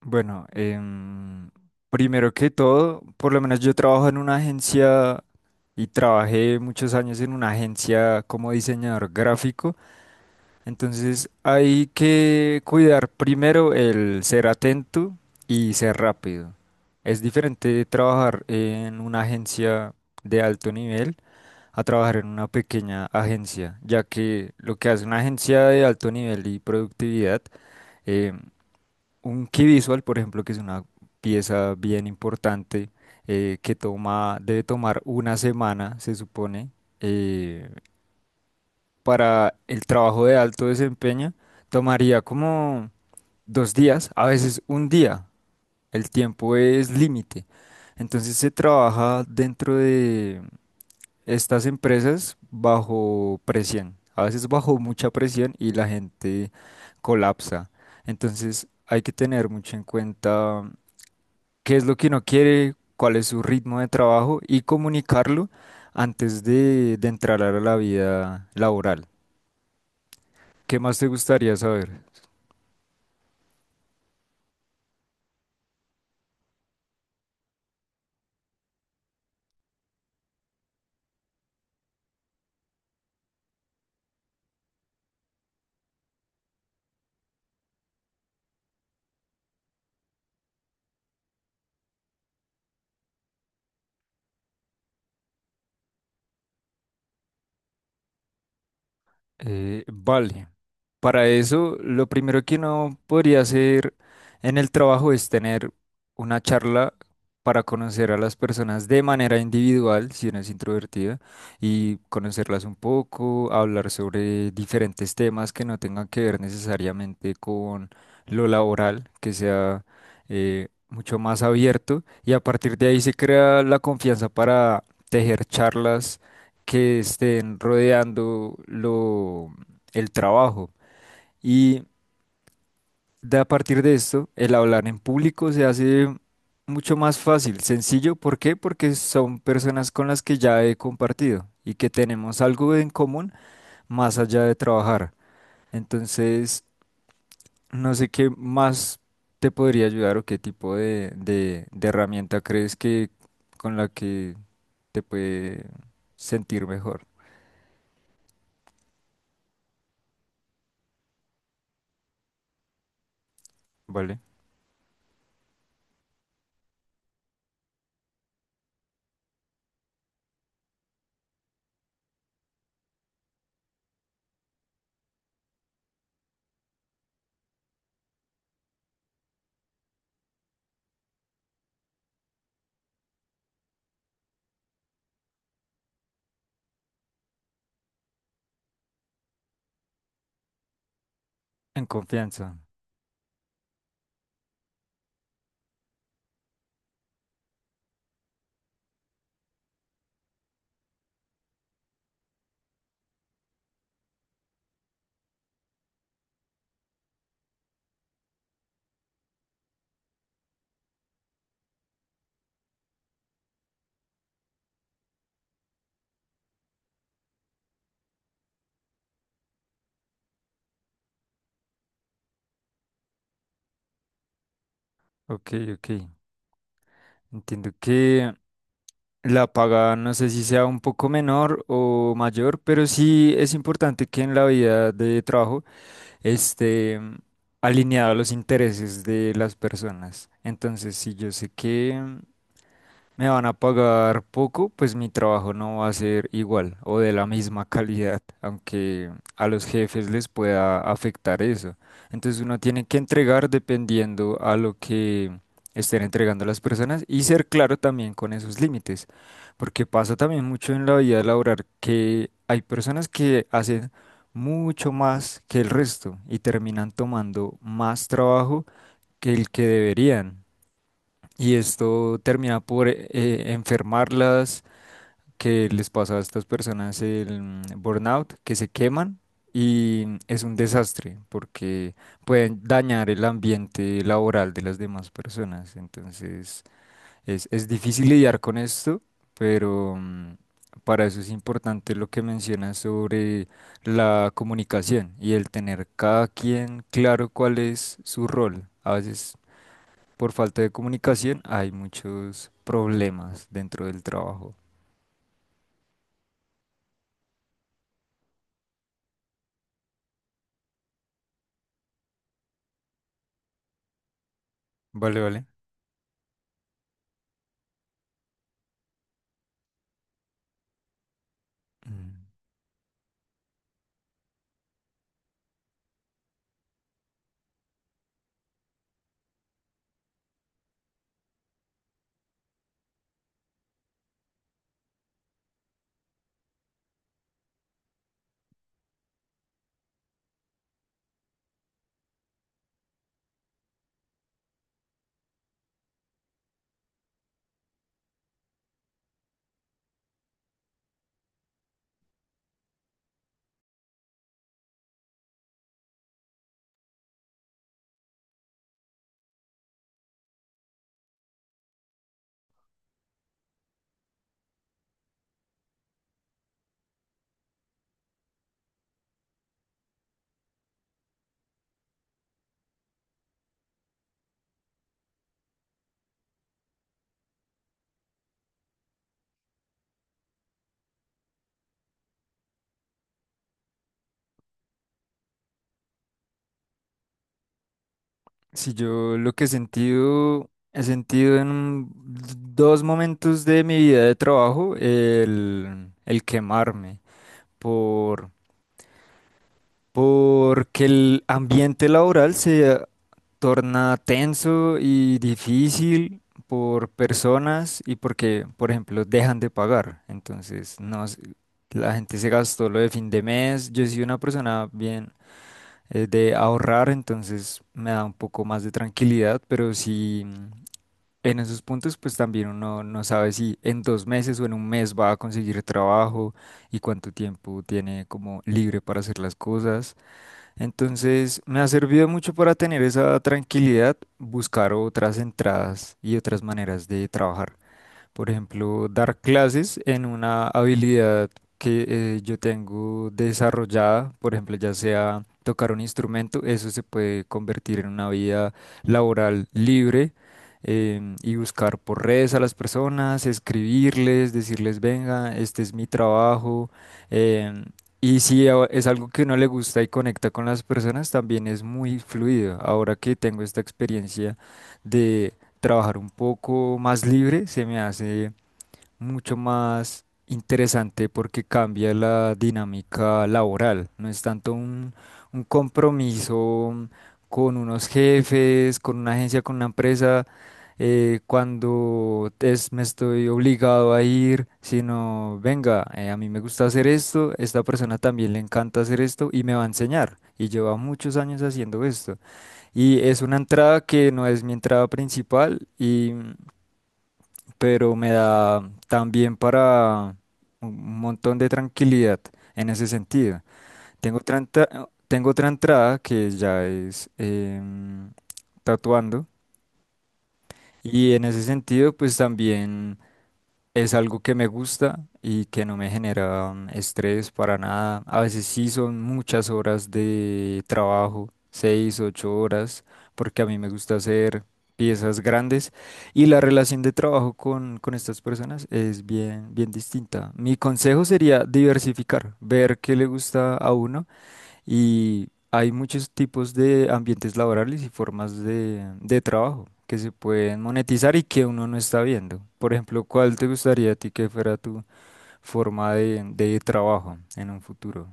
Bueno, primero que todo, por lo menos yo trabajo en una agencia y trabajé muchos años en una agencia como diseñador gráfico, entonces hay que cuidar primero el ser atento y ser rápido. Es diferente trabajar en una agencia de alto nivel a trabajar en una pequeña agencia, ya que lo que hace una agencia de alto nivel y productividad em, un key visual, por ejemplo, que es una pieza bien importante debe tomar una semana, se supone, eh, para el trabajo de alto desempeño, tomaría como 2 días, a veces un día. El tiempo es límite. Entonces se trabaja dentro de estas empresas bajo presión, a veces bajo mucha presión y la gente colapsa. Entonces hay que tener mucho en cuenta qué es lo que uno quiere, cuál es su ritmo de trabajo y comunicarlo antes de entrar a la vida laboral. ¿Qué más te gustaría saber? Vale. Para eso, lo primero que uno podría hacer en el trabajo es tener una charla para conocer a las personas de manera individual, si uno es introvertida, y conocerlas un poco, hablar sobre diferentes temas que no tengan que ver necesariamente con lo laboral, que sea mucho más abierto, y a partir de ahí se crea la confianza para tejer charlas que estén rodeando el trabajo. Y de a partir de esto, el hablar en público se hace mucho más fácil, sencillo. ¿Por qué? Porque son personas con las que ya he compartido y que tenemos algo en común más allá de trabajar. Entonces, no sé qué más te podría ayudar o qué tipo de herramienta crees que con la que te puede sentir mejor, ¿vale? En confianza. Ok, ok. Entiendo que la paga no sé si sea un poco menor o mayor, pero sí es importante que en la vida de trabajo esté alineado a los intereses de las personas. Entonces, sí, yo sé que me van a pagar poco, pues mi trabajo no va a ser igual o de la misma calidad, aunque a los jefes les pueda afectar eso. Entonces uno tiene que entregar dependiendo a lo que estén entregando las personas y ser claro también con esos límites, porque pasa también mucho en la vida laboral que hay personas que hacen mucho más que el resto y terminan tomando más trabajo que el que deberían. Y esto termina por enfermarlas, que les pasa a estas personas el burnout, que se queman y es un desastre porque pueden dañar el ambiente laboral de las demás personas. Entonces es difícil lidiar con esto, pero para eso es importante lo que mencionas sobre la comunicación y el tener cada quien claro cuál es su rol. A veces por falta de comunicación hay muchos problemas dentro del trabajo. Vale, vale. Mm. Si yo lo que he sentido en dos momentos de mi vida de trabajo, el quemarme por, porque el ambiente laboral se torna tenso y difícil por personas y porque, por ejemplo, dejan de pagar. Entonces, no, la gente se gastó lo de fin de mes. Yo soy una persona bien de ahorrar, entonces me da un poco más de tranquilidad, pero si en esos puntos, pues también uno no sabe si en 2 meses o en un mes va a conseguir trabajo y cuánto tiempo tiene como libre para hacer las cosas. Entonces, me ha servido mucho para tener esa tranquilidad, buscar otras entradas y otras maneras de trabajar, por ejemplo, dar clases en una habilidad que yo tengo desarrollada, por ejemplo, ya sea tocar un instrumento, eso se puede convertir en una vida laboral libre. Y buscar por redes a las personas, escribirles, decirles, venga, este es mi trabajo. em, y si es algo que no le gusta y conecta con las personas, también es muy fluido. Ahora que tengo esta experiencia, de trabajar un poco más libre se me hace mucho más interesante porque cambia la dinámica laboral. No es tanto un compromiso con unos jefes, con una agencia, con una empresa, cuando me estoy obligado a ir, sino, venga, a mí me gusta hacer esto, esta persona también le encanta hacer esto y me va a enseñar. Y lleva muchos años haciendo esto. Y es una entrada que no es mi entrada principal, pero me da también para un montón de tranquilidad en ese sentido. Tengo otra entrada que ya es tatuando, y en ese sentido, pues también. Es algo que me gusta y que no me genera estrés para nada. A veces sí son muchas horas de trabajo, 6, 8 horas, porque a mí me gusta hacer piezas grandes y la relación de trabajo con estas personas es bien, bien distinta. Mi consejo sería diversificar, ver qué le gusta a uno y hay muchos tipos de ambientes laborales y formas de trabajo que se pueden monetizar y que uno no está viendo. Por ejemplo, ¿cuál te gustaría a ti que fuera tu forma de trabajo en un futuro?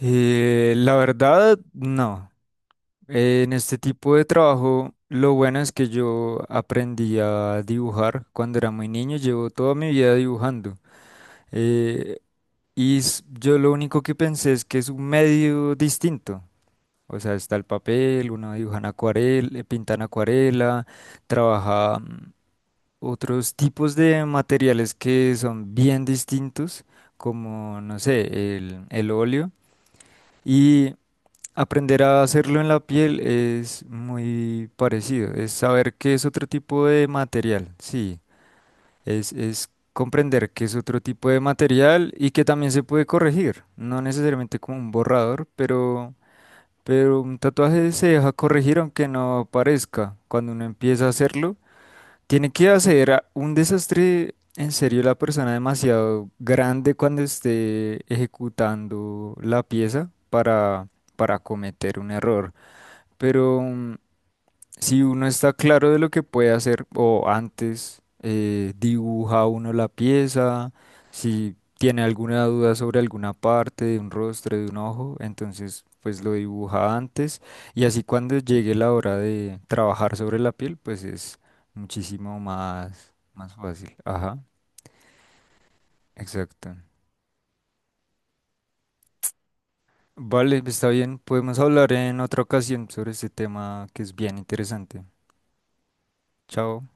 La verdad, no. En este tipo de trabajo, lo bueno es que yo aprendí a dibujar cuando era muy niño. Llevo toda mi vida dibujando. Eh, y yo lo único que pensé es que es un medio distinto. O sea, está el papel, uno dibujan acuarela, pintan acuarela, trabaja otros tipos de materiales que son bien distintos, como, no sé, el óleo. Y aprender a hacerlo en la piel es muy parecido, es saber qué es otro tipo de material, sí, es comprender qué es otro tipo de material y que también se puede corregir, no necesariamente como un borrador, Pero un tatuaje se deja corregir aunque no parezca. Cuando uno empieza a hacerlo, tiene que hacer un desastre en serio la persona demasiado grande cuando esté ejecutando la pieza para cometer un error. Pero si uno está claro de lo que puede hacer o antes dibuja uno la pieza, si tiene alguna duda sobre alguna parte de un rostro, de un ojo, entonces pues lo dibuja antes y así cuando llegue la hora de trabajar sobre la piel, pues es muchísimo más fácil. Ajá, exacto. Vale, está bien, podemos hablar en otra ocasión sobre este tema que es bien interesante. Chao.